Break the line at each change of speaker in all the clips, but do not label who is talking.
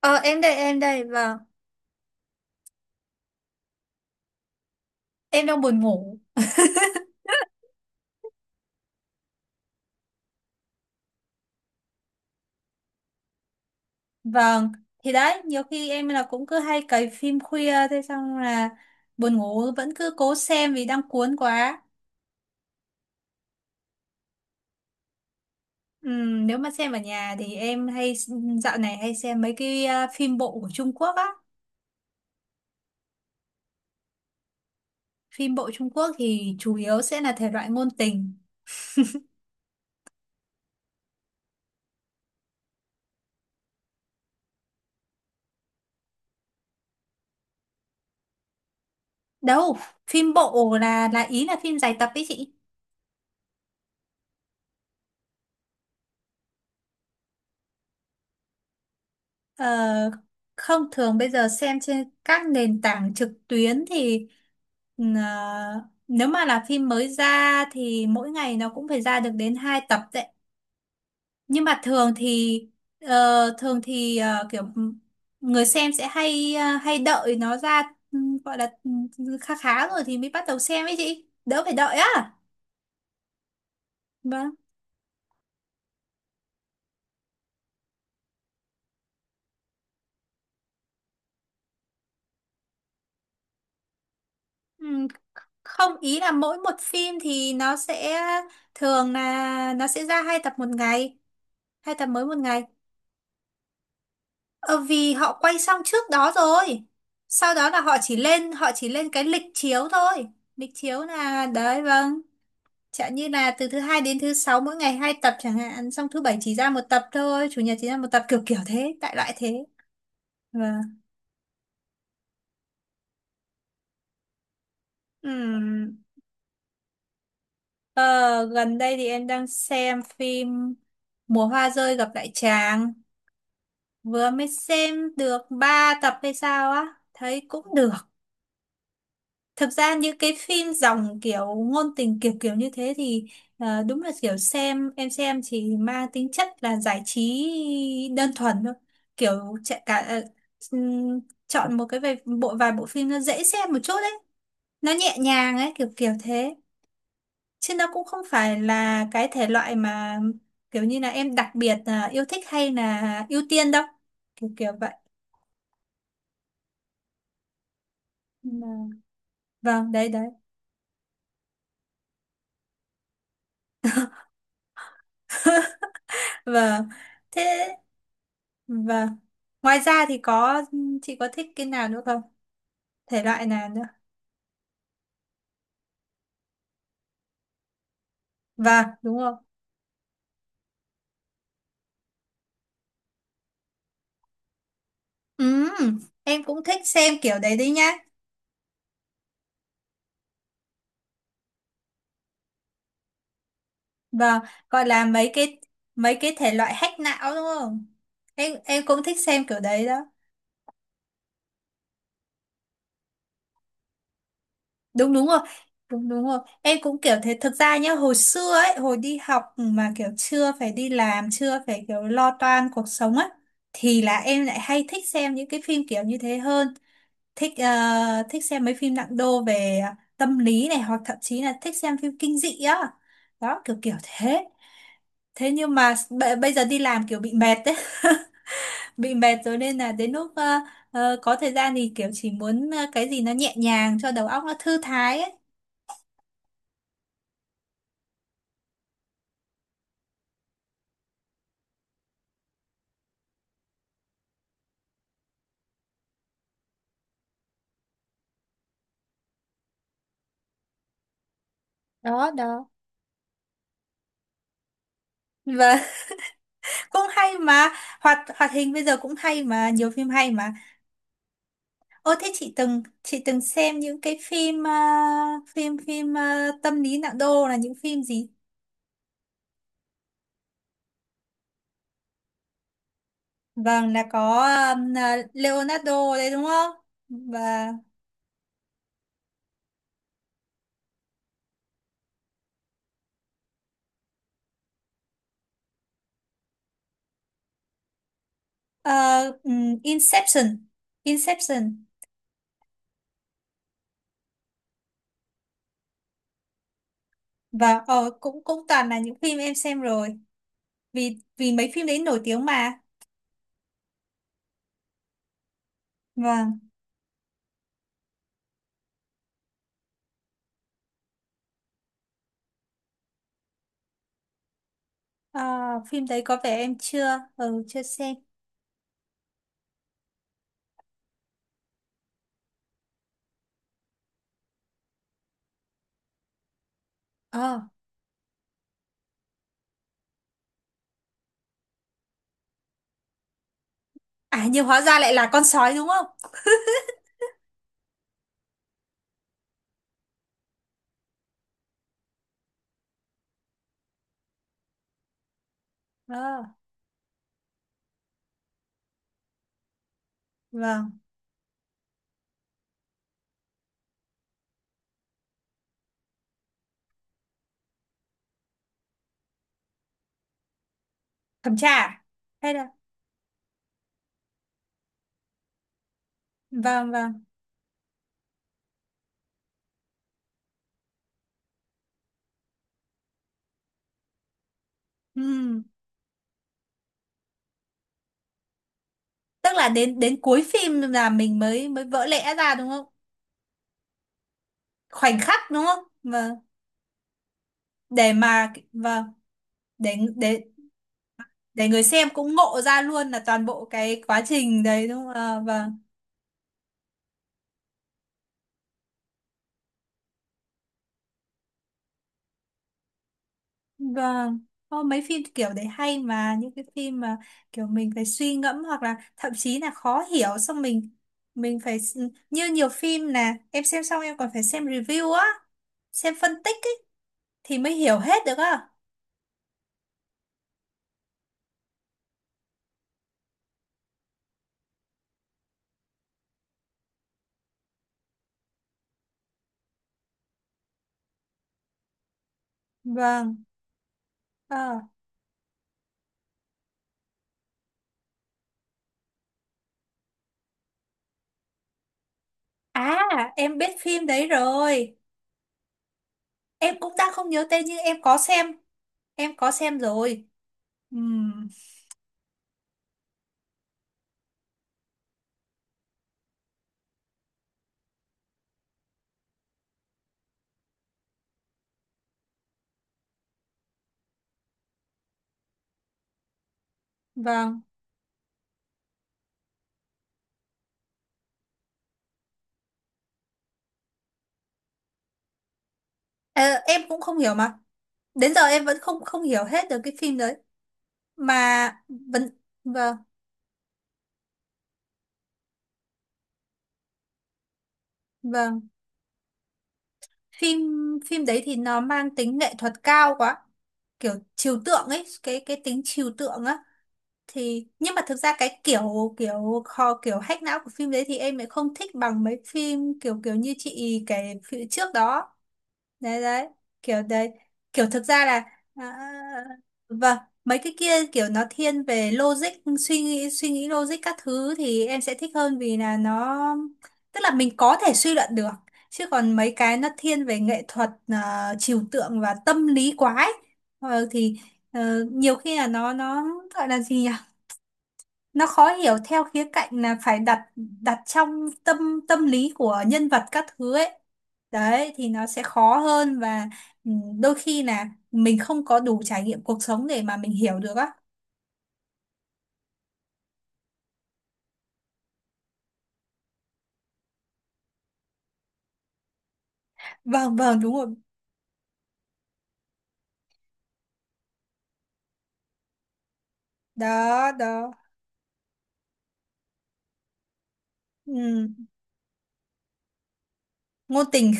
Ờ em đây, vâng. Em đang buồn ngủ. Vâng, thì đấy nhiều khi em là cũng cứ hay cày phim khuya thế xong là buồn ngủ vẫn cứ cố xem vì đang cuốn quá. Nếu mà xem ở nhà thì em hay, dạo này hay xem mấy cái phim bộ của Trung Quốc á. Phim bộ Trung Quốc thì chủ yếu sẽ là thể loại ngôn tình. Đâu, phim bộ là ý là phim dài tập ý chị. Ờ, Không, thường bây giờ xem trên các nền tảng trực tuyến thì ờ, nếu mà là phim mới ra thì mỗi ngày nó cũng phải ra được đến 2 tập đấy. Nhưng mà thường thì kiểu người xem sẽ hay hay đợi nó ra. ừ, Gọi là khá khá rồi thì mới bắt đầu xem ấy chị. Đỡ phải đợi á. Vâng. Ừ, Không, ý là mỗi một phim thì nó sẽ, thường là nó sẽ ra hai tập một ngày, hai tập mới một ngày. Ờ, Vì họ quay xong trước đó rồi. Sau đó là họ chỉ lên cái lịch chiếu thôi. Lịch chiếu là đấy, vâng. Chẳng như là từ thứ hai đến thứ sáu mỗi ngày hai tập chẳng hạn, xong thứ bảy chỉ ra một tập thôi, chủ nhật chỉ ra một tập kiểu kiểu thế, đại loại thế. Vâng. Ừm. Ờ, Gần đây thì em đang xem phim Mùa hoa rơi gặp lại chàng, vừa mới xem được ba tập hay sao á, thấy cũng được. Thực ra những cái phim dòng kiểu ngôn tình kiểu kiểu như thế thì đúng là kiểu xem em xem chỉ mang tính chất là giải trí đơn thuần thôi, kiểu chạy cả ừm, chọn một cái vài bộ phim nó dễ xem một chút đấy, nó nhẹ nhàng ấy kiểu kiểu thế, chứ nó cũng không phải là cái thể loại mà kiểu như là em đặc biệt là yêu thích hay là ưu tiên đâu, kiểu kiểu vậy. Mà- vâng, đấy đấy. Vâng, thế. Vâng, ngoài ra thì có, chị có thích cái nào nữa không, thể loại nào nữa? Vâng, đúng không? Ừ, em cũng thích xem kiểu đấy đấy nhá. Vâng, gọi là mấy cái thể loại hack não đúng không? Em cũng thích xem kiểu đấy đó. Đúng đúng rồi, đúng đúng rồi, em cũng kiểu thế thực ra nhá. Hồi xưa ấy hồi đi học mà kiểu chưa phải đi làm chưa phải kiểu lo toan cuộc sống á, thì là em lại hay thích xem những cái phim kiểu như thế hơn. Thích ờ, thích xem mấy phim nặng đô về tâm lý này, hoặc thậm chí là thích xem phim kinh dị á. Đó kiểu kiểu thế. Thế nhưng mà bây giờ đi làm kiểu bị mệt đấy. Bị mệt rồi nên là đến lúc có thời gian thì kiểu chỉ muốn cái gì nó nhẹ nhàng cho đầu óc nó thư thái ấy. Đó đó. Và cũng hay mà. Hoạt hoạt hình bây giờ cũng hay mà, nhiều phim hay mà. Ô thế chị từng xem những cái phim phim phim tâm lý nặng đô là những phim gì? Vâng, là có à, Leonardo đấy đúng không? Và ờ, Inception. Inception. Và cũng cũng toàn là những phim em xem rồi. Vì vì mấy phim đấy nổi tiếng mà. Vâng. Ờ, Phim đấy có vẻ em chưa xem. Ờ, À nhưng hóa ra lại là con sói đúng không? Ờ, vâng, thẩm tra à? Hay là? Vâng, vâng. Ừm, Tức là đến đến cuối phim là mình mới mới vỡ lẽ ra đúng không? Khoảnh khắc đúng không? Vâng. để mà Vâng, để để để người xem cũng ngộ ra luôn là toàn bộ cái quá trình đấy đúng không? Ờ, vâng, vâng. Ô, mấy phim kiểu đấy hay mà, những cái phim mà kiểu mình phải suy ngẫm hoặc là thậm chí là khó hiểu, xong như nhiều phim là em xem xong em còn phải xem review á, xem phân tích ấy, thì mới hiểu hết được á. Vâng. ờ À, em biết phim đấy rồi. Em cũng đang không nhớ tên nhưng em có xem rồi. Ừm. Vâng. Ờ, em cũng không hiểu mà. Đến giờ em vẫn không không hiểu hết được cái phim đấy. Mà vẫn. Vâng, vâng. Phim phim đấy thì nó mang tính nghệ thuật cao quá, kiểu trừu tượng ấy, cái tính trừu tượng á. Thì nhưng mà thực ra cái kiểu kiểu kho kiểu hack não của phim đấy thì em lại không thích bằng mấy phim kiểu kiểu như chị kể phía trước đó. Đấy đấy, kiểu đấy, kiểu thực ra là. À, vâng. Mấy cái kia kiểu nó thiên về logic, suy nghĩ logic các thứ thì em sẽ thích hơn vì là nó, tức là mình có thể suy luận được. Chứ còn mấy cái nó thiên về nghệ thuật, à, trừu tượng và tâm lý quá ấy. Thì nhiều khi là nó gọi là gì nhỉ, nó khó hiểu theo khía cạnh là phải đặt đặt trong tâm tâm lý của nhân vật các thứ ấy. Đấy thì nó sẽ khó hơn. Và ừ, đôi khi là mình không có đủ trải nghiệm cuộc sống để mà mình hiểu được á. Vâng, vâng, đúng rồi. Đó đó. Ừ. Ngôn tình.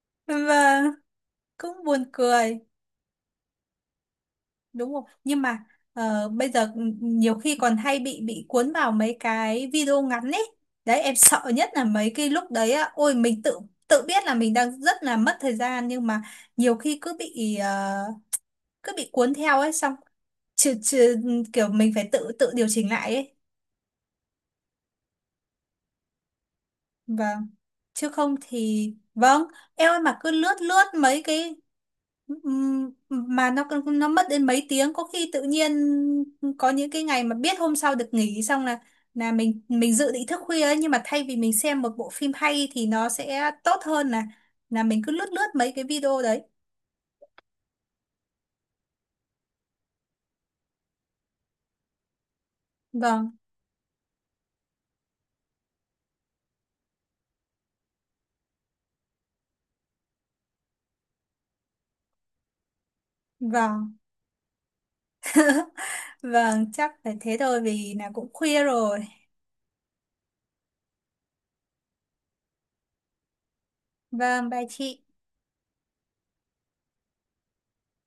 Và cũng buồn cười. Đúng không, nhưng mà bây giờ nhiều khi còn hay bị cuốn vào mấy cái video ngắn ấy. Đấy, em sợ nhất là mấy cái lúc đấy á, ôi mình tự tự biết là mình đang rất là mất thời gian, nhưng mà nhiều khi cứ bị cuốn theo ấy xong trừ, trừ, kiểu mình phải tự tự điều chỉnh lại ấy. Vâng. Chứ không thì, vâng, em ơi mà cứ lướt lướt mấy cái. Mà nó mất đến mấy tiếng có khi tự nhiên. Có những cái ngày mà biết hôm sau được nghỉ xong là mình dự định thức khuya ấy, nhưng mà thay vì mình xem một bộ phim hay thì nó sẽ tốt hơn là mình cứ lướt lướt mấy cái video đấy. Vâng. Vâng, vâng, chắc phải thế thôi vì là cũng khuya rồi. Vâng, bye chị.